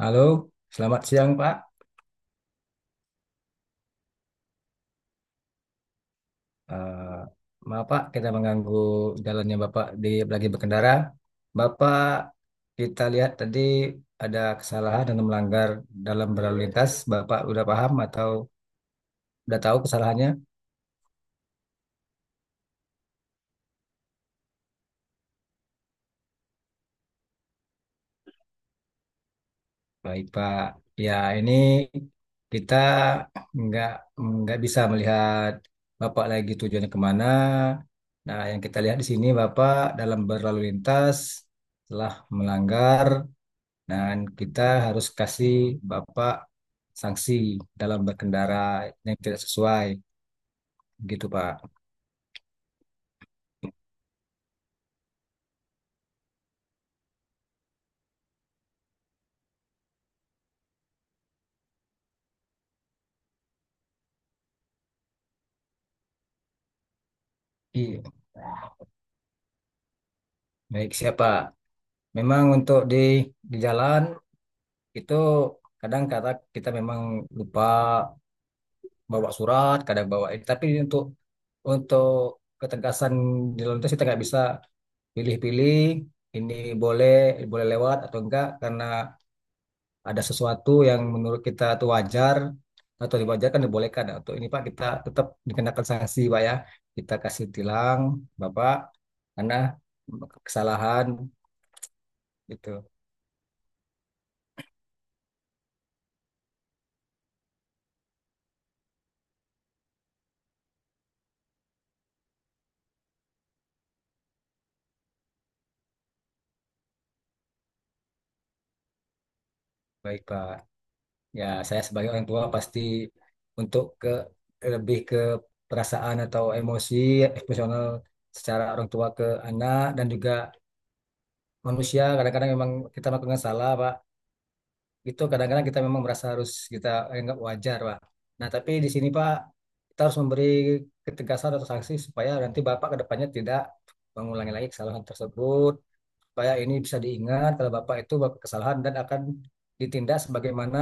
Halo, selamat siang Pak. Eh, Maaf Pak, kita mengganggu jalannya Bapak lagi berkendara. Bapak, kita lihat tadi ada kesalahan dan melanggar dalam berlalu lintas. Bapak udah paham atau udah tahu kesalahannya? Baik Pak. Ya ini kita nggak nggak bisa melihat Bapak lagi tujuannya kemana. Nah, yang kita lihat di sini Bapak dalam berlalu lintas telah melanggar. Dan kita harus kasih Bapak sanksi dalam berkendara yang tidak sesuai. Gitu, Pak. Iya. Baik, siapa? Memang untuk di jalan itu kadang kata kita memang lupa bawa surat, kadang bawa ini. Tapi untuk ketegasan di lalu lintas kita nggak bisa pilih-pilih ini boleh boleh lewat atau enggak karena ada sesuatu yang menurut kita itu wajar atau diwajarkan dibolehkan atau ini Pak, kita tetap dikenakan sanksi Pak, ya kita kasih tilang Bapak karena kesalahan gitu. Baik Pak, ya saya sebagai orang tua pasti untuk ke lebih ke perasaan atau emosi emosional secara orang tua ke anak dan juga manusia kadang-kadang memang kita melakukan salah Pak, gitu kadang-kadang kita memang merasa harus kita anggap wajar Pak. Nah tapi di sini Pak, kita harus memberi ketegasan atau sanksi supaya nanti Bapak ke depannya tidak mengulangi lagi kesalahan tersebut, supaya ini bisa diingat kalau Bapak itu melakukan kesalahan dan akan ditindak sebagaimana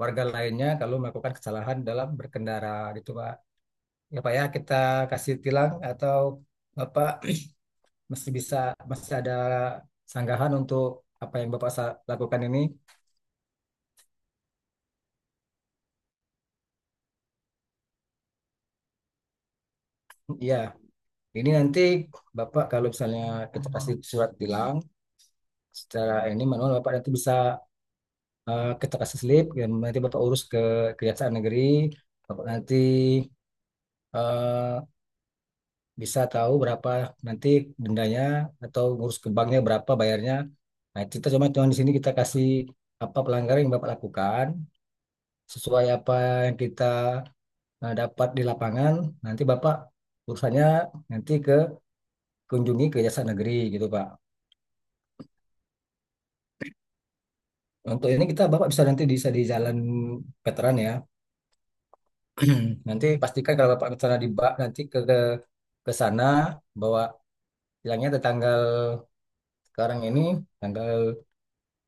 warga lainnya kalau melakukan kesalahan dalam berkendara, gitu Pak. Ya Pak, ya kita kasih tilang atau Bapak masih bisa masih ada sanggahan untuk apa yang Bapak lakukan ini. Iya. Ini nanti Bapak kalau misalnya kita kasih surat tilang secara ini manual, Bapak nanti bisa kita kasih slip dan nanti Bapak urus ke Kejaksaan Negeri. Bapak nanti eh, bisa tahu berapa nanti dendanya atau urus ke banknya berapa bayarnya. Nah, kita cuma cuma di sini kita kasih apa pelanggaran yang Bapak lakukan sesuai apa yang kita dapat di lapangan. Nanti Bapak urusannya nanti kunjungi ke Kejaksaan Negeri, gitu Pak. Untuk ini kita Bapak bisa nanti bisa di Jalan Veteran ya. Nanti pastikan kalau Bapak ke sana di bak nanti ke sana bawa, bilangnya ada tanggal sekarang ini, tanggal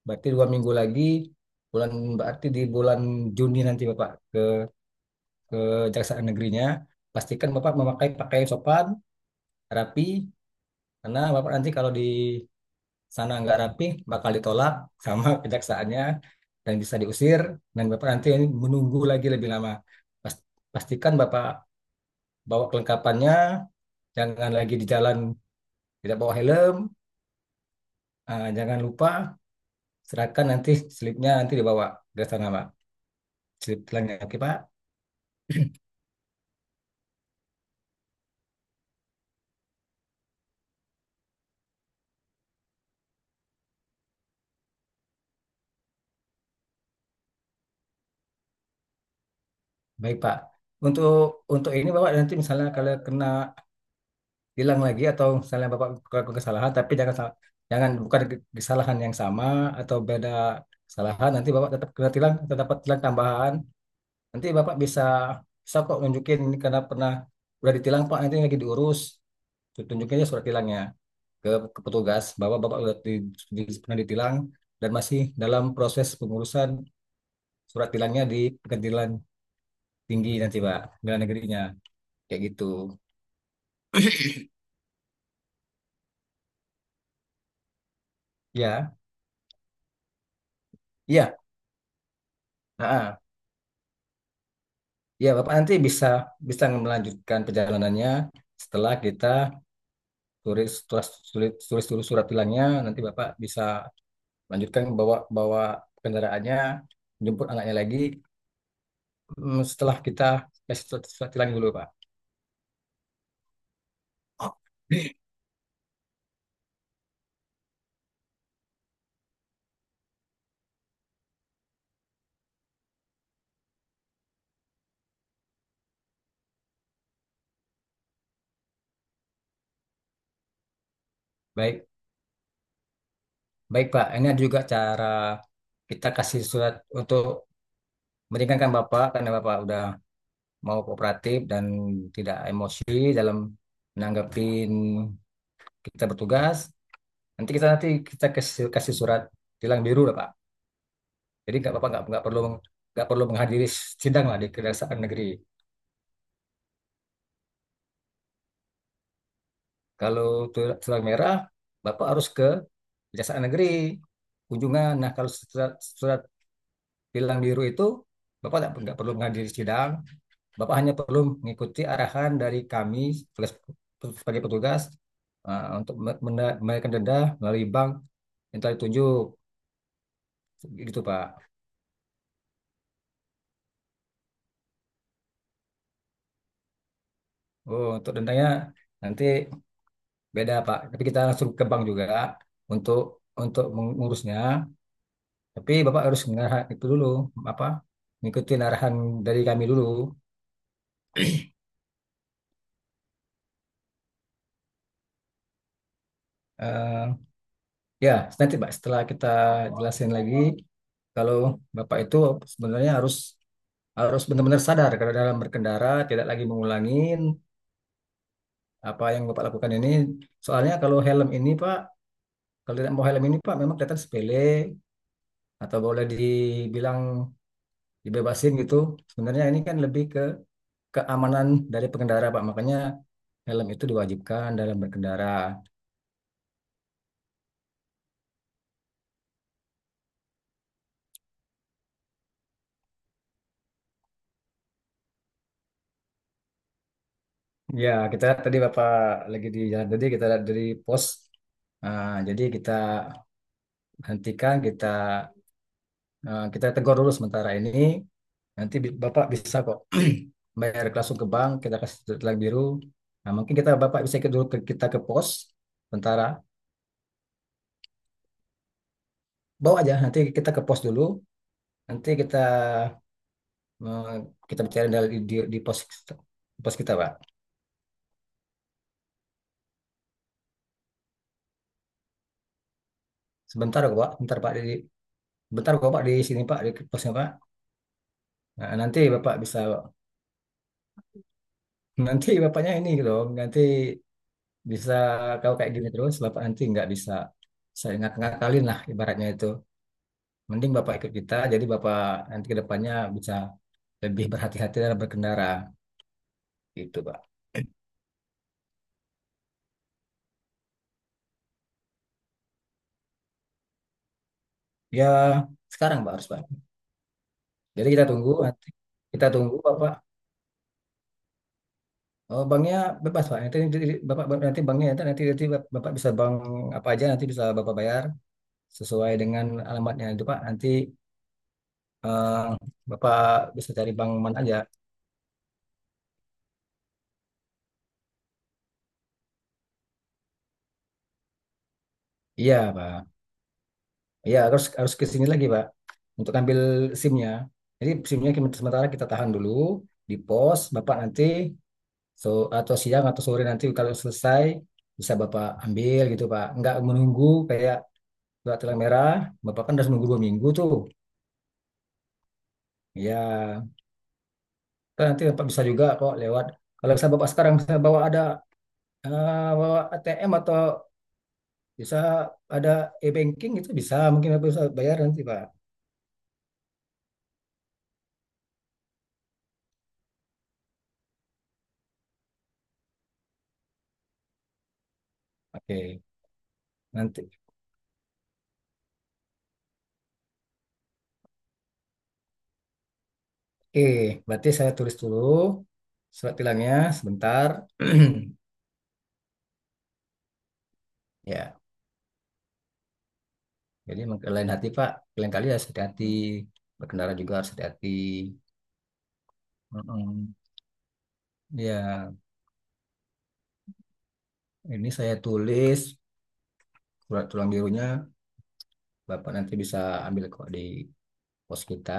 berarti 2 minggu lagi, bulan berarti di bulan Juni nanti Bapak ke Kejaksaan Negerinya, pastikan Bapak memakai pakaian sopan rapi, karena Bapak nanti kalau di sana nggak rapi bakal ditolak sama kejaksaannya dan bisa diusir dan Bapak nanti ini menunggu lagi lebih lama. Pas- Pastikan Bapak bawa kelengkapannya, jangan lagi di jalan tidak bawa helm. Jangan lupa serahkan nanti slipnya, nanti dibawa ke sana Pak, slip pelanggan. Oke Pak, baik Pak. Untuk untuk ini Bapak nanti misalnya kalau kena bilang lagi atau misalnya Bapak melakukan kesalahan, tapi jangan jangan bukan kesalahan yang sama atau beda kesalahan, nanti Bapak tetap kena tilang atau dapat tilang tambahan, nanti Bapak bisa bisa kok nunjukin ini karena pernah udah ditilang Pak, nanti lagi diurus, tunjukin aja surat tilangnya ke, ke petugas bahwa Bapak udah pernah ditilang dan masih dalam proses pengurusan surat tilangnya di pengadilan tinggi nanti Pak, pengadilan negerinya kayak gitu. Ya. Iya. Heeh. Ya, Bapak nanti bisa bisa melanjutkan perjalanannya setelah kita tulis tulis tulis tulis, tulis surat tilangnya. Nanti Bapak bisa lanjutkan, bawa bawa kendaraannya, jemput anaknya lagi. Setelah kita kasih surat tilang dulu, Pak. Oh, baik, baik Pak. Ini ada juga cara kita kasih surat untuk meringankan Bapak, karena Bapak udah mau kooperatif dan tidak emosi dalam menanggapi kita bertugas. Nanti kita kasih kasih surat tilang biru lah Pak. Jadi nggak apa-apa, nggak perlu menghadiri sidang lah di Kejaksaan Negeri. Kalau tilang merah, Bapak harus ke Kejaksaan Negeri kunjungan. Nah kalau surat tilang biru itu Bapak nggak perlu menghadiri sidang. Bapak hanya perlu mengikuti arahan dari kami sebagai sebagai petugas eh, untuk me- menda- membayarkan denda melalui bank yang telah ditunjuk. Gitu Pak. Oh, untuk dendanya nanti. Beda Pak, tapi kita langsung ke bank juga untuk untuk mengurusnya. Tapi Bapak harus mengarah itu dulu apa? Mengikuti arahan dari kami dulu. Eh, Ya, nanti Pak setelah kita jelasin lagi kalau Bapak itu sebenarnya harus harus benar-benar sadar karena dalam berkendara tidak lagi mengulangin apa yang Bapak lakukan ini. Soalnya kalau helm ini Pak, kalau tidak mau helm ini Pak, memang kelihatan sepele atau boleh dibilang dibebasin gitu. Sebenarnya ini kan lebih ke keamanan dari pengendara, Pak. Makanya helm itu diwajibkan dalam berkendara. Ya, kita tadi Bapak lagi di jalan, tadi kita lihat dari pos. Nah, jadi kita hentikan, kita tegur dulu sementara ini. Nanti Bapak bisa kok bayar langsung ke bank, kita kasih tilang biru. Nah, mungkin kita Bapak bisa ikut dulu ke pos sementara. Bawa aja nanti kita ke pos dulu. Nanti eh, kita bicara di pos pos kita, Pak. Sebentar kok, Pak. Bentar, Pak. Bentar kok, Pak, di sini, Pak, di posnya, Pak. Nah, nanti Bapak bisa, nanti Bapaknya ini gitu, nanti bisa, kalau kayak gini terus, Bapak nanti nggak bisa, saya ngakak-ngakalin lah ibaratnya itu. Mending Bapak ikut kita, jadi Bapak nanti ke depannya bisa lebih berhati-hati dalam berkendara, gitu, Pak. Ya, sekarang, Pak, harus, Pak. Jadi kita tunggu, nanti kita tunggu, Bapak. Oh, banknya bebas, Pak. Nanti Bapak nanti banknya nanti nanti, nanti Bapak bisa bank apa aja, nanti bisa Bapak bayar sesuai dengan alamatnya itu Pak. Nanti eh, Bapak bisa cari Bang Man aja. Iya Pak. Iya harus harus ke sini lagi Pak untuk ambil SIM-nya. Jadi SIM-nya sementara kita tahan dulu di pos. Bapak nanti so atau siang atau sore nanti kalau selesai bisa Bapak ambil, gitu Pak. Nggak menunggu kayak surat tilang merah. Bapak kan harus menunggu 2 minggu tuh. Iya. Kan nanti Bapak bisa juga kok lewat. Kalau bisa Bapak sekarang bisa bawa ATM atau bisa ada e-banking itu bisa, mungkin aku bisa bayar nanti Pak. Oke, nanti. Oke, berarti saya tulis dulu surat tilangnya sebentar. Ya, jadi emang lain hati Pak, lain kali harus hati-hati. Berkendara juga harus hati-hati. Mm-mm. Ya, ini saya tulis surat tulang birunya. Bapak nanti bisa ambil kok di pos kita.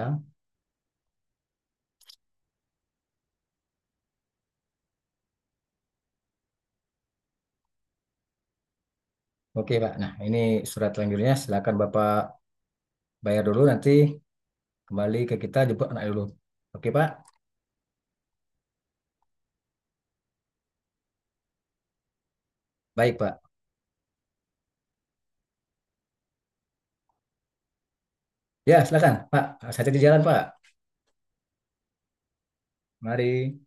Oke Pak, nah ini surat tulang birunya. Silakan Bapak bayar dulu, nanti kembali ke kita, jemput anak dulu. Oke Pak. Baik, Pak. Ya, silakan, Pak. Saya di jalan, Pak. Mari.